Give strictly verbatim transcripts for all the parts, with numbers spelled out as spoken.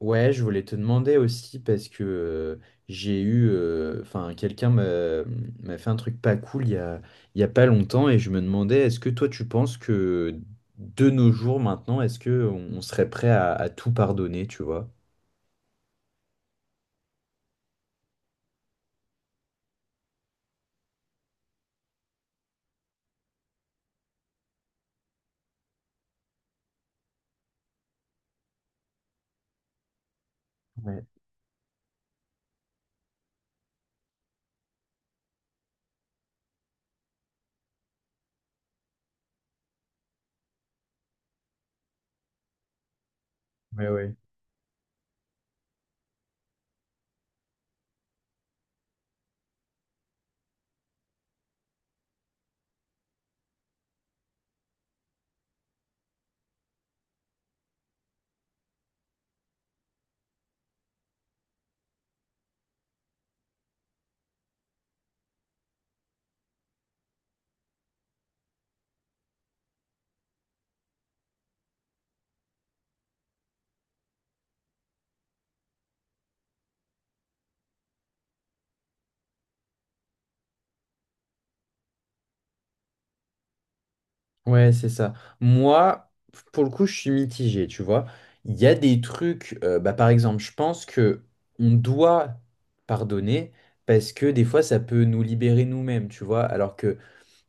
Ouais, je voulais te demander aussi parce que euh, j'ai eu, euh, enfin, quelqu'un m'a m'a fait un truc pas cool il y a, il y a pas longtemps et je me demandais, est-ce que toi tu penses que de nos jours maintenant, est-ce que on on serait prêt à, à tout pardonner, tu vois? Ouais, ouais, ouais. Ouais, c'est ça. Moi, pour le coup, je suis mitigé, tu vois. Il y a des trucs, euh, bah, par exemple, je pense que on doit pardonner parce que des fois, ça peut nous libérer nous-mêmes, tu vois. Alors que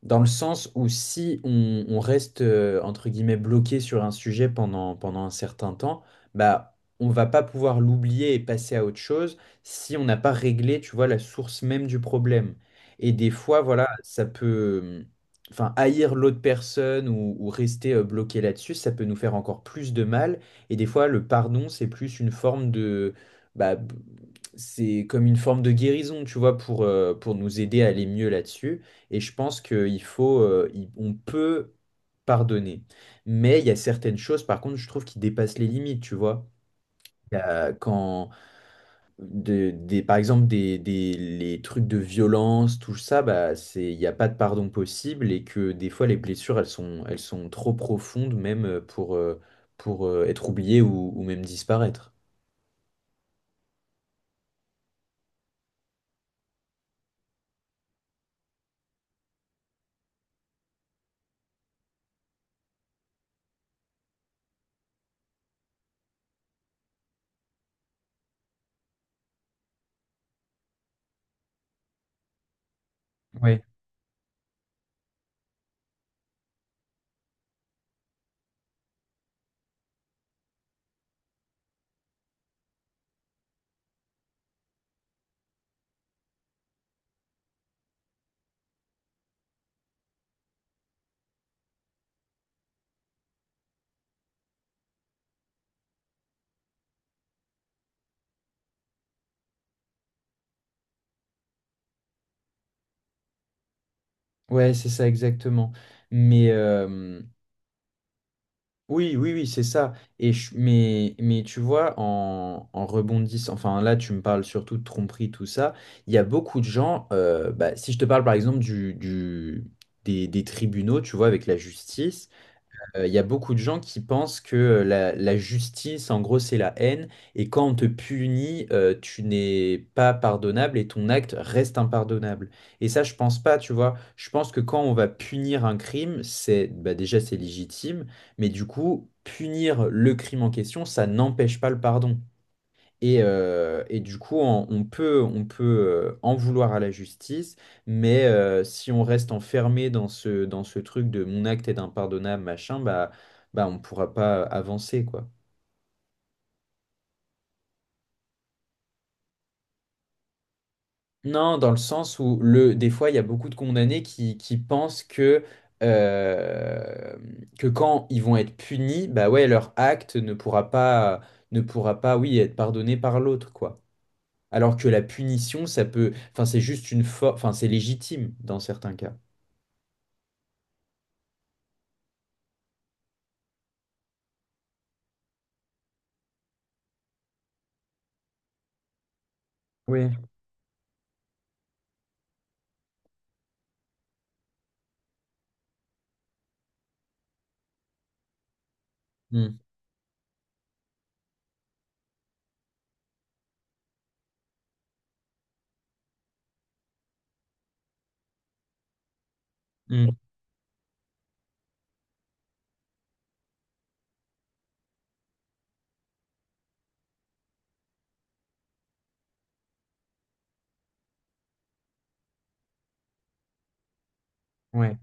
dans le sens où si on, on reste, euh, entre guillemets, bloqué sur un sujet pendant, pendant un certain temps, bah, on va pas pouvoir l'oublier et passer à autre chose si on n'a pas réglé, tu vois, la source même du problème. Et des fois, voilà, ça peut, hum, enfin, haïr l'autre personne ou, ou rester euh, bloqué là-dessus, ça peut nous faire encore plus de mal. Et des fois, le pardon, c'est plus une forme de, bah, c'est comme une forme de guérison, tu vois, pour, euh, pour nous aider à aller mieux là-dessus. Et je pense qu'il faut, euh, il- on peut pardonner. Mais il y a certaines choses, par contre, je trouve qui dépassent les limites, tu vois. Il y a quand, de- des, par exemple, des, des- les trucs de violence, tout ça, bah, c'est, il n'y a pas de pardon possible et que des fois, les blessures, elles sont, elles sont trop profondes, même euh, pour, euh, pour euh, être oubliées ou, ou même disparaître. Ouais, ouais, c'est ça exactement. Mais, euh, oui, oui, oui, c'est ça. Et je- mais, mais tu vois, en, en rebondissant, enfin là, tu me parles surtout de tromperie, tout ça. Il y a beaucoup de gens, euh, bah, si je te parle par exemple du, du- des, des tribunaux, tu vois, avec la justice. Euh, Il y a beaucoup de gens qui pensent que euh, la, la justice, en gros, c'est la haine, et quand on te punit, euh, tu n'es pas pardonnable et ton acte reste impardonnable. Et ça, je pense pas, tu vois. Je pense que quand on va punir un crime, c'est bah, déjà c'est légitime, mais du coup, punir le crime en question, ça n'empêche pas le pardon. Et, euh, et du coup, on, on peut, on peut euh, en vouloir à la justice, mais euh, si on reste enfermé dans ce, dans ce truc de mon acte est impardonnable, machin, bah, bah on ne pourra pas avancer, quoi. Non, dans le sens où le, des fois, il y a beaucoup de condamnés qui, qui pensent que, euh, que quand ils vont être punis, bah ouais, leur acte ne pourra pas, ne pourra pas, oui, être pardonné par l'autre, quoi. Alors que la punition, ça peut. Enfin, c'est juste une forme. Enfin, c'est légitime dans certains cas. Oui, mm. Mm. Ouais.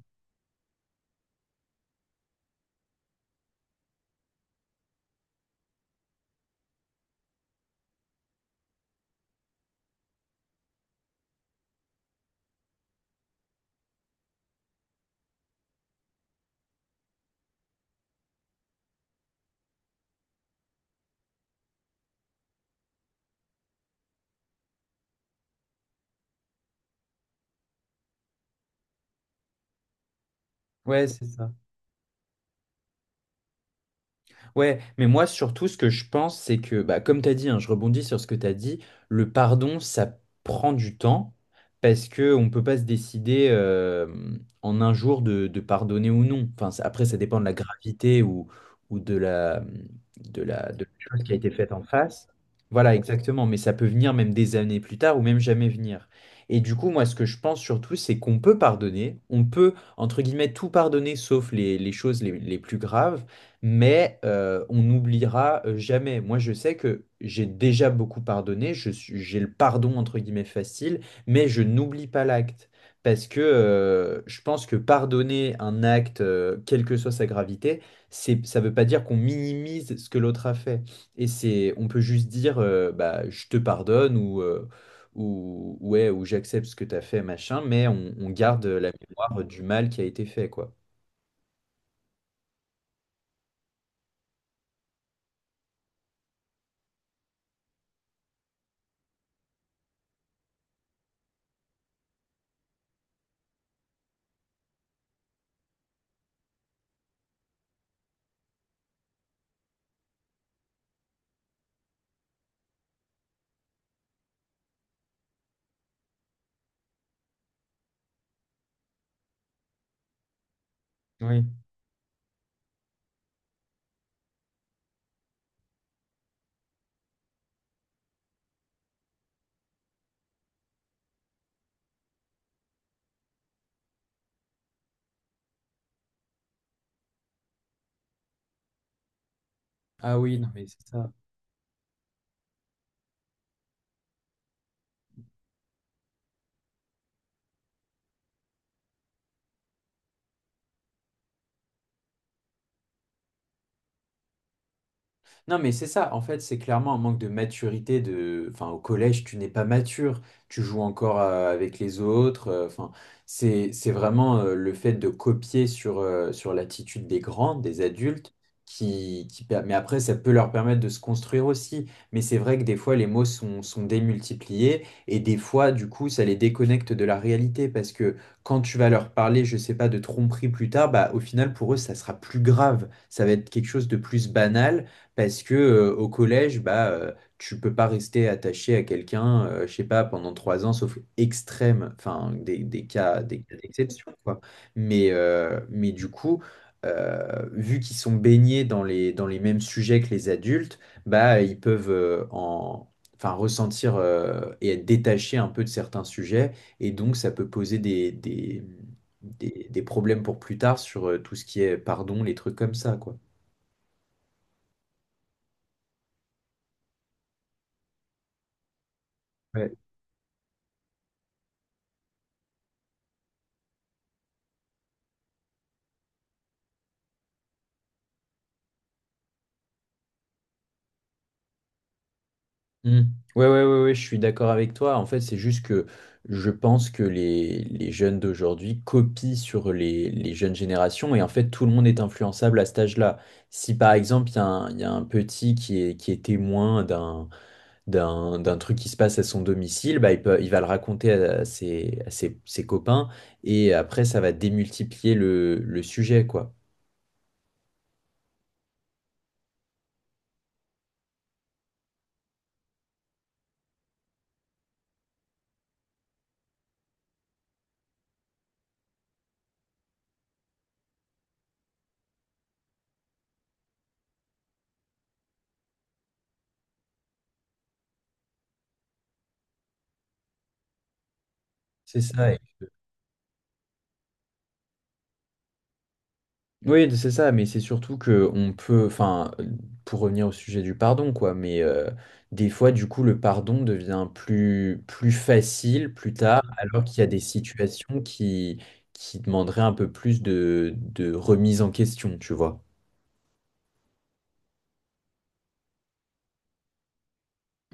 Ouais, c'est ça. Ouais, mais moi surtout ce que je pense, c'est que, bah, comme tu as dit, hein, je rebondis sur ce que tu as dit, le pardon, ça prend du temps parce que on peut pas se décider euh, en un jour de, de pardonner ou non. Enfin, ça- après, ça dépend de la gravité ou, ou de la, de la, de la chose qui a été faite en face. Voilà, exactement, mais ça peut venir même des années plus tard ou même jamais venir. Et du coup, moi, ce que je pense surtout, c'est qu'on peut pardonner, on peut, entre guillemets, tout pardonner sauf les, les choses les les plus graves mais euh, on n'oubliera euh, jamais. Moi, je sais que j'ai déjà beaucoup pardonné, je suis, j'ai le pardon entre guillemets facile, mais je n'oublie pas l'acte. Parce que euh, je pense que pardonner un acte, euh, quelle que soit sa gravité, c'est, ça ne veut pas dire qu'on minimise ce que l'autre a fait. Et c'est, on peut juste dire, euh, bah, je te pardonne ou, euh, ou, ouais, ou j'accepte ce que tu as fait, machin, mais on, on garde la mémoire du mal qui a été fait, quoi. Oui. Ah oui, non, mais c'est ça. Non, mais c'est ça, en fait, c'est clairement un manque de maturité de... Enfin, au collège, tu n'es pas mature, tu joues encore euh, avec les autres. euh, Enfin, c'est, c'est vraiment euh, le fait de copier sur, euh, sur l'attitude des grands, des adultes, qui, qui... per- mais après, ça peut leur permettre de se construire aussi. Mais c'est vrai que des fois, les mots sont, sont démultipliés et des fois, du coup, ça les déconnecte de la réalité parce que quand tu vas leur parler, je sais pas, de tromperie plus tard, bah, au final, pour eux, ça sera plus grave. Ça va être quelque chose de plus banal parce que euh, au collège, bah, euh, tu peux pas rester attaché à quelqu'un, euh, je sais pas, pendant trois ans, sauf extrême, enfin des, des cas, des cas d'exception, quoi. Mais, euh, mais du coup, euh, vu qu'ils sont baignés dans les, dans les mêmes sujets que les adultes, bah, ils peuvent euh, en, enfin, ressentir euh, et être détachés un peu de certains sujets, et donc ça peut poser des, des, des, des problèmes pour plus tard sur euh, tout ce qui est pardon, les trucs comme ça, quoi. Ouais. Mm. Ouais, ouais, ouais, ouais, je suis d'accord avec toi. En fait, c'est juste que je pense que les, les jeunes d'aujourd'hui copient sur les, les jeunes générations et en fait, tout le monde est influençable à cet âge-là. Si par exemple, il y a un, il y a un petit qui est, qui est témoin d'un, d'un, d'un truc qui se passe à son domicile, bah, il peut, il va le raconter à ses, à ses, ses copains et après, ça va démultiplier le, le sujet, quoi. C'est ça. Oui, c'est ça, mais c'est surtout que on peut, enfin, pour revenir au sujet du pardon, quoi, mais euh, des fois, du coup, le pardon devient plus, plus facile plus tard, alors qu'il y a des situations qui, qui demanderaient un peu plus de, de remise en question, tu vois.